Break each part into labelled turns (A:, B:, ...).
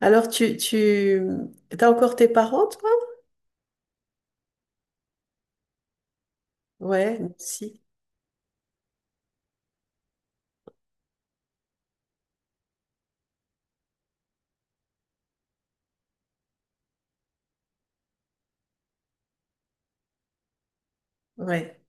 A: Alors, t'as encore tes parents, toi? Ouais, si. Ouais.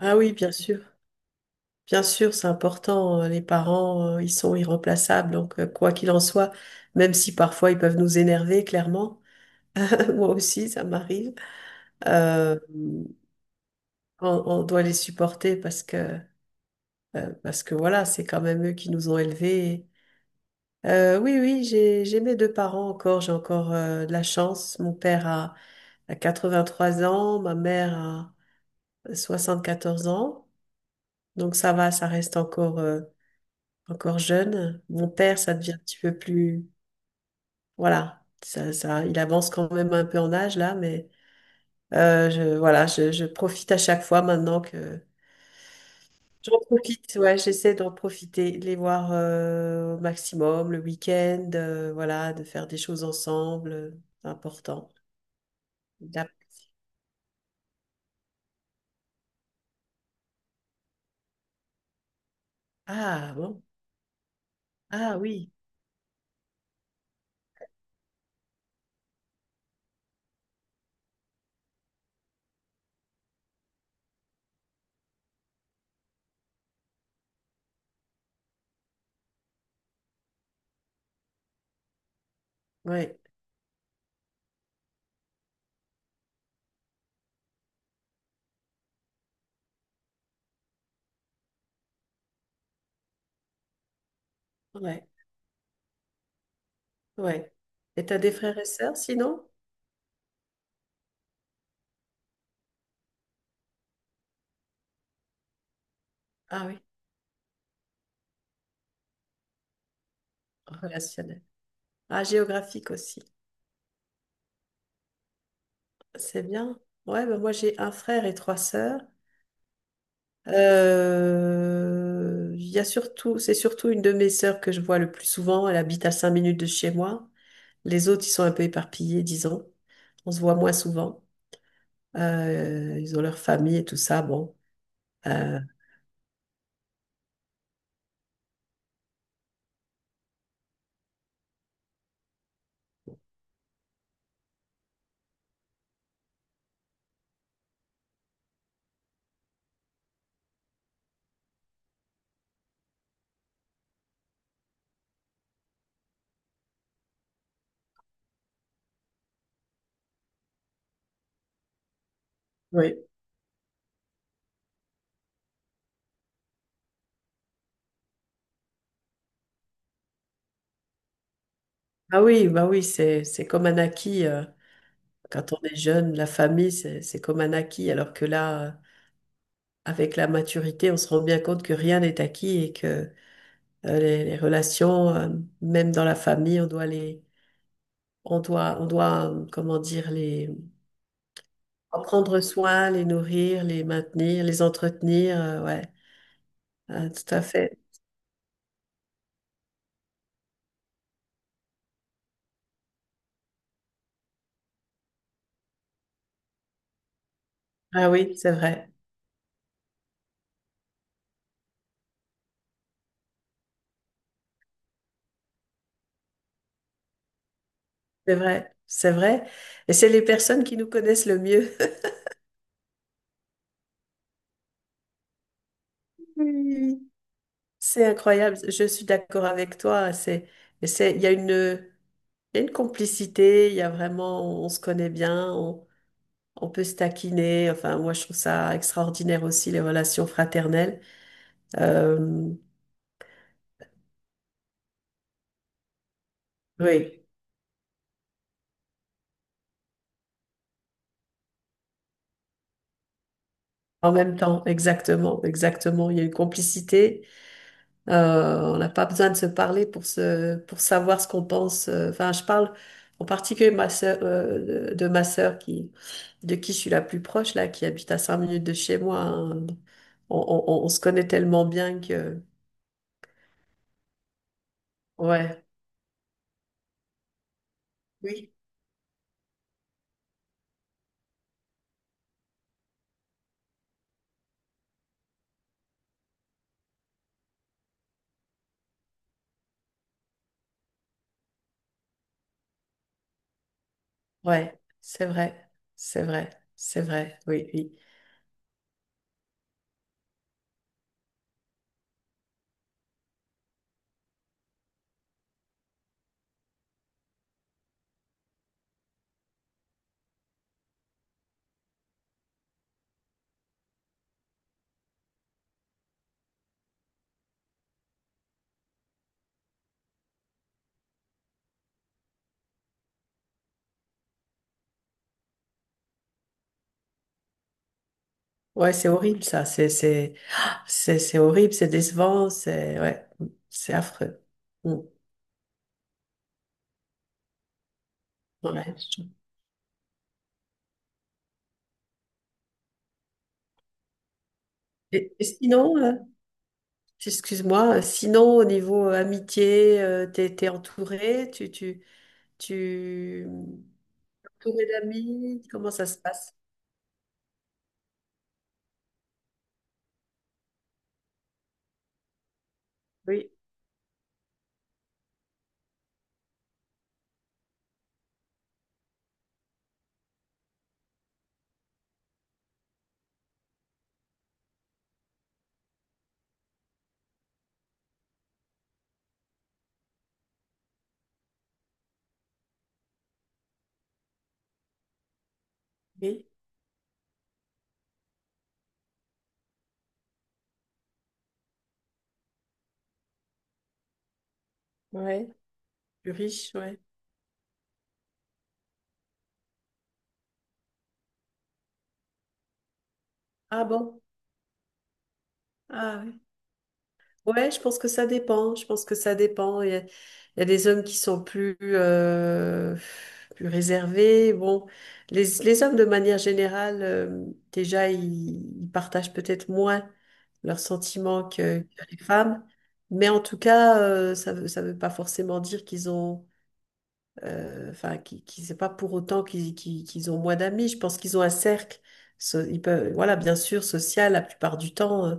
A: Ah oui, bien sûr. Bien sûr, c'est important. Les parents, ils sont irremplaçables. Donc, quoi qu'il en soit, même si parfois ils peuvent nous énerver, clairement. Moi aussi, ça m'arrive. Euh, on doit les supporter parce que voilà, c'est quand même eux qui nous ont élevés. Oui, oui, j'ai mes deux parents encore. J'ai encore, de la chance. Mon père a 83 ans, ma mère a 74 ans. Donc ça va, ça reste encore, encore jeune. Mon père, ça devient un petit peu plus... Voilà, ça, il avance quand même un peu en âge là, mais voilà, je profite à chaque fois maintenant que... J'en profite, ouais, j'essaie d'en profiter, de les voir au maximum le week-end, voilà, de faire des choses ensemble, c'est important. D'app- Ah bon, ah oui, ouais, ouais, ouais. Et t'as des frères et sœurs sinon? Ah oui. Relationnel. Ah, géographique aussi. C'est bien. Ouais, bah moi j'ai un frère et trois sœurs. Il y a surtout, c'est surtout une de mes sœurs que je vois le plus souvent. Elle habite à 5 minutes de chez moi. Les autres, ils sont un peu éparpillés, disons. On se voit moins souvent. Ils ont leur famille et tout ça. Bon. Euh, oui. Ah oui, bah oui, c'est comme un acquis. Quand on est jeune, la famille, c'est comme un acquis. Alors que là, avec la maturité, on se rend bien compte que rien n'est acquis, et que les relations, même dans la famille, on doit, comment dire, en prendre soin, les nourrir, les maintenir, les entretenir. Ouais, tout à fait. Ah oui, c'est vrai, c'est vrai, c'est vrai. Et c'est les personnes qui nous connaissent le mieux. Oui, oui, oui. C'est incroyable. Je suis d'accord avec toi. C'est, et c'est, il y a une, il y a une complicité. Il y a vraiment, on se connaît bien. On peut se taquiner. Enfin, moi, je trouve ça extraordinaire aussi les relations fraternelles. Euh, oui, en même temps, exactement, exactement. Il y a une complicité. On n'a pas besoin de se parler pour se, pour savoir ce qu'on pense. Enfin, je parle en particulier ma sœur, de ma sœur qui, de qui je suis la plus proche là, qui habite à 5 minutes de chez moi. Hein. On se connaît tellement bien que, ouais, oui, ouais, c'est vrai, c'est vrai, c'est vrai, oui, oui. Ouais, c'est horrible ça. C'est horrible, c'est décevant, c'est ouais, c'est affreux. Mm. Ouais. Et sinon, excuse-moi, sinon au niveau amitié, t'es entouré, tu, entouré d'amis, comment ça se passe? Oui, oui, ouais, plus riche, ouais. Ah bon? Ah ouais, je pense que ça dépend. Je pense que ça dépend. Il y a des hommes qui sont plus, plus réservés. Bon, les hommes, de manière générale, déjà, ils partagent peut-être moins leurs sentiments que les femmes. Mais en tout cas, ça veut pas forcément dire qu'ils ont, enfin, c'est pas pour autant qu'ils ont moins d'amis. Je pense qu'ils ont un cercle. Ils peuvent, voilà, bien sûr, social la plupart du temps. euh,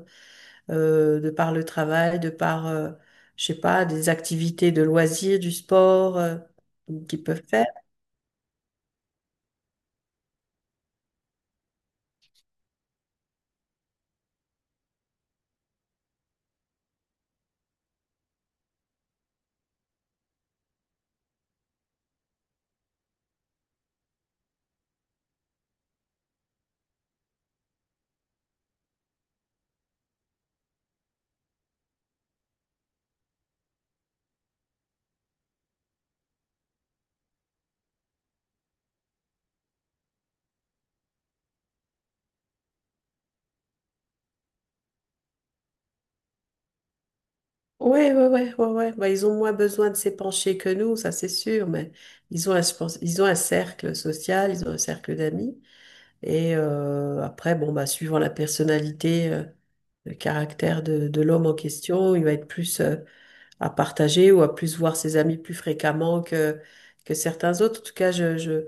A: euh, de par le travail, de par, je sais pas, des activités de loisirs, du sport qu'ils peuvent faire. Oui, oui, oui, oui, oui. Bah, ils ont moins besoin de s'épancher que nous, ça c'est sûr, mais ils ont un cercle social, ils ont un cercle d'amis. Et après, bon, bah, suivant la personnalité, le caractère de l'homme en question, il va être plus à partager ou à plus voir ses amis plus fréquemment que certains autres. En tout cas, je, je,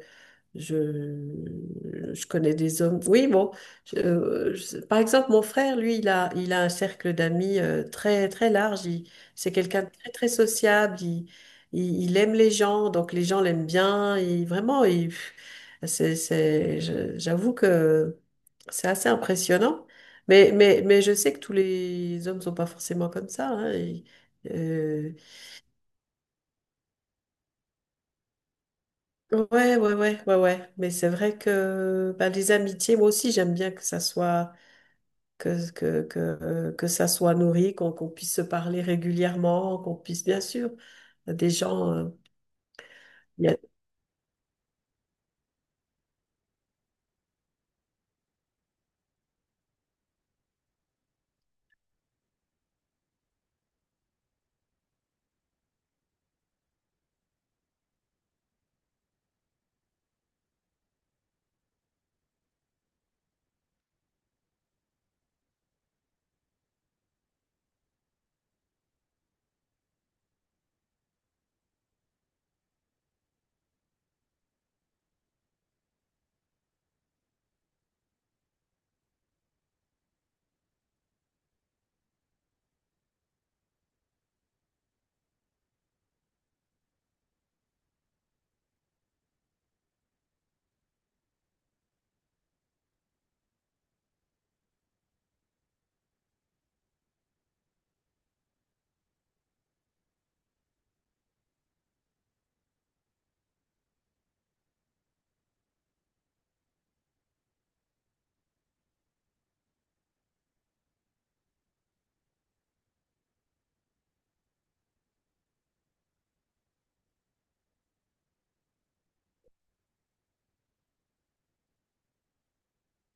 A: Je, je connais des hommes. Oui, bon. Par exemple, mon frère, lui, il a un cercle d'amis très, très large. C'est quelqu'un de très, très sociable. Il aime les gens, donc les gens l'aiment bien. Il, vraiment, il, c'est, je- j'avoue que c'est assez impressionnant. Mais je sais que tous les hommes sont pas forcément comme ça. Hein. Ouais, ouais, ouais, ouais, ouais. Mais c'est vrai que bah, les amitiés, moi aussi, j'aime bien que ça soit nourri, qu'on puisse se parler régulièrement, qu'on puisse, bien sûr, des gens. Il y a-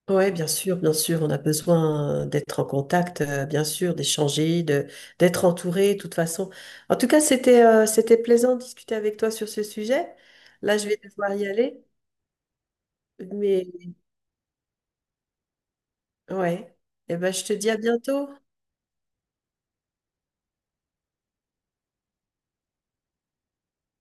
A: ouais, bien sûr, on a besoin d'être en contact, bien sûr, d'échanger, de d'être entouré, de toute façon. En tout cas, c'était plaisant de discuter avec toi sur ce sujet. Là, je vais devoir y aller, mais ouais. Eh ben, je te dis à bientôt.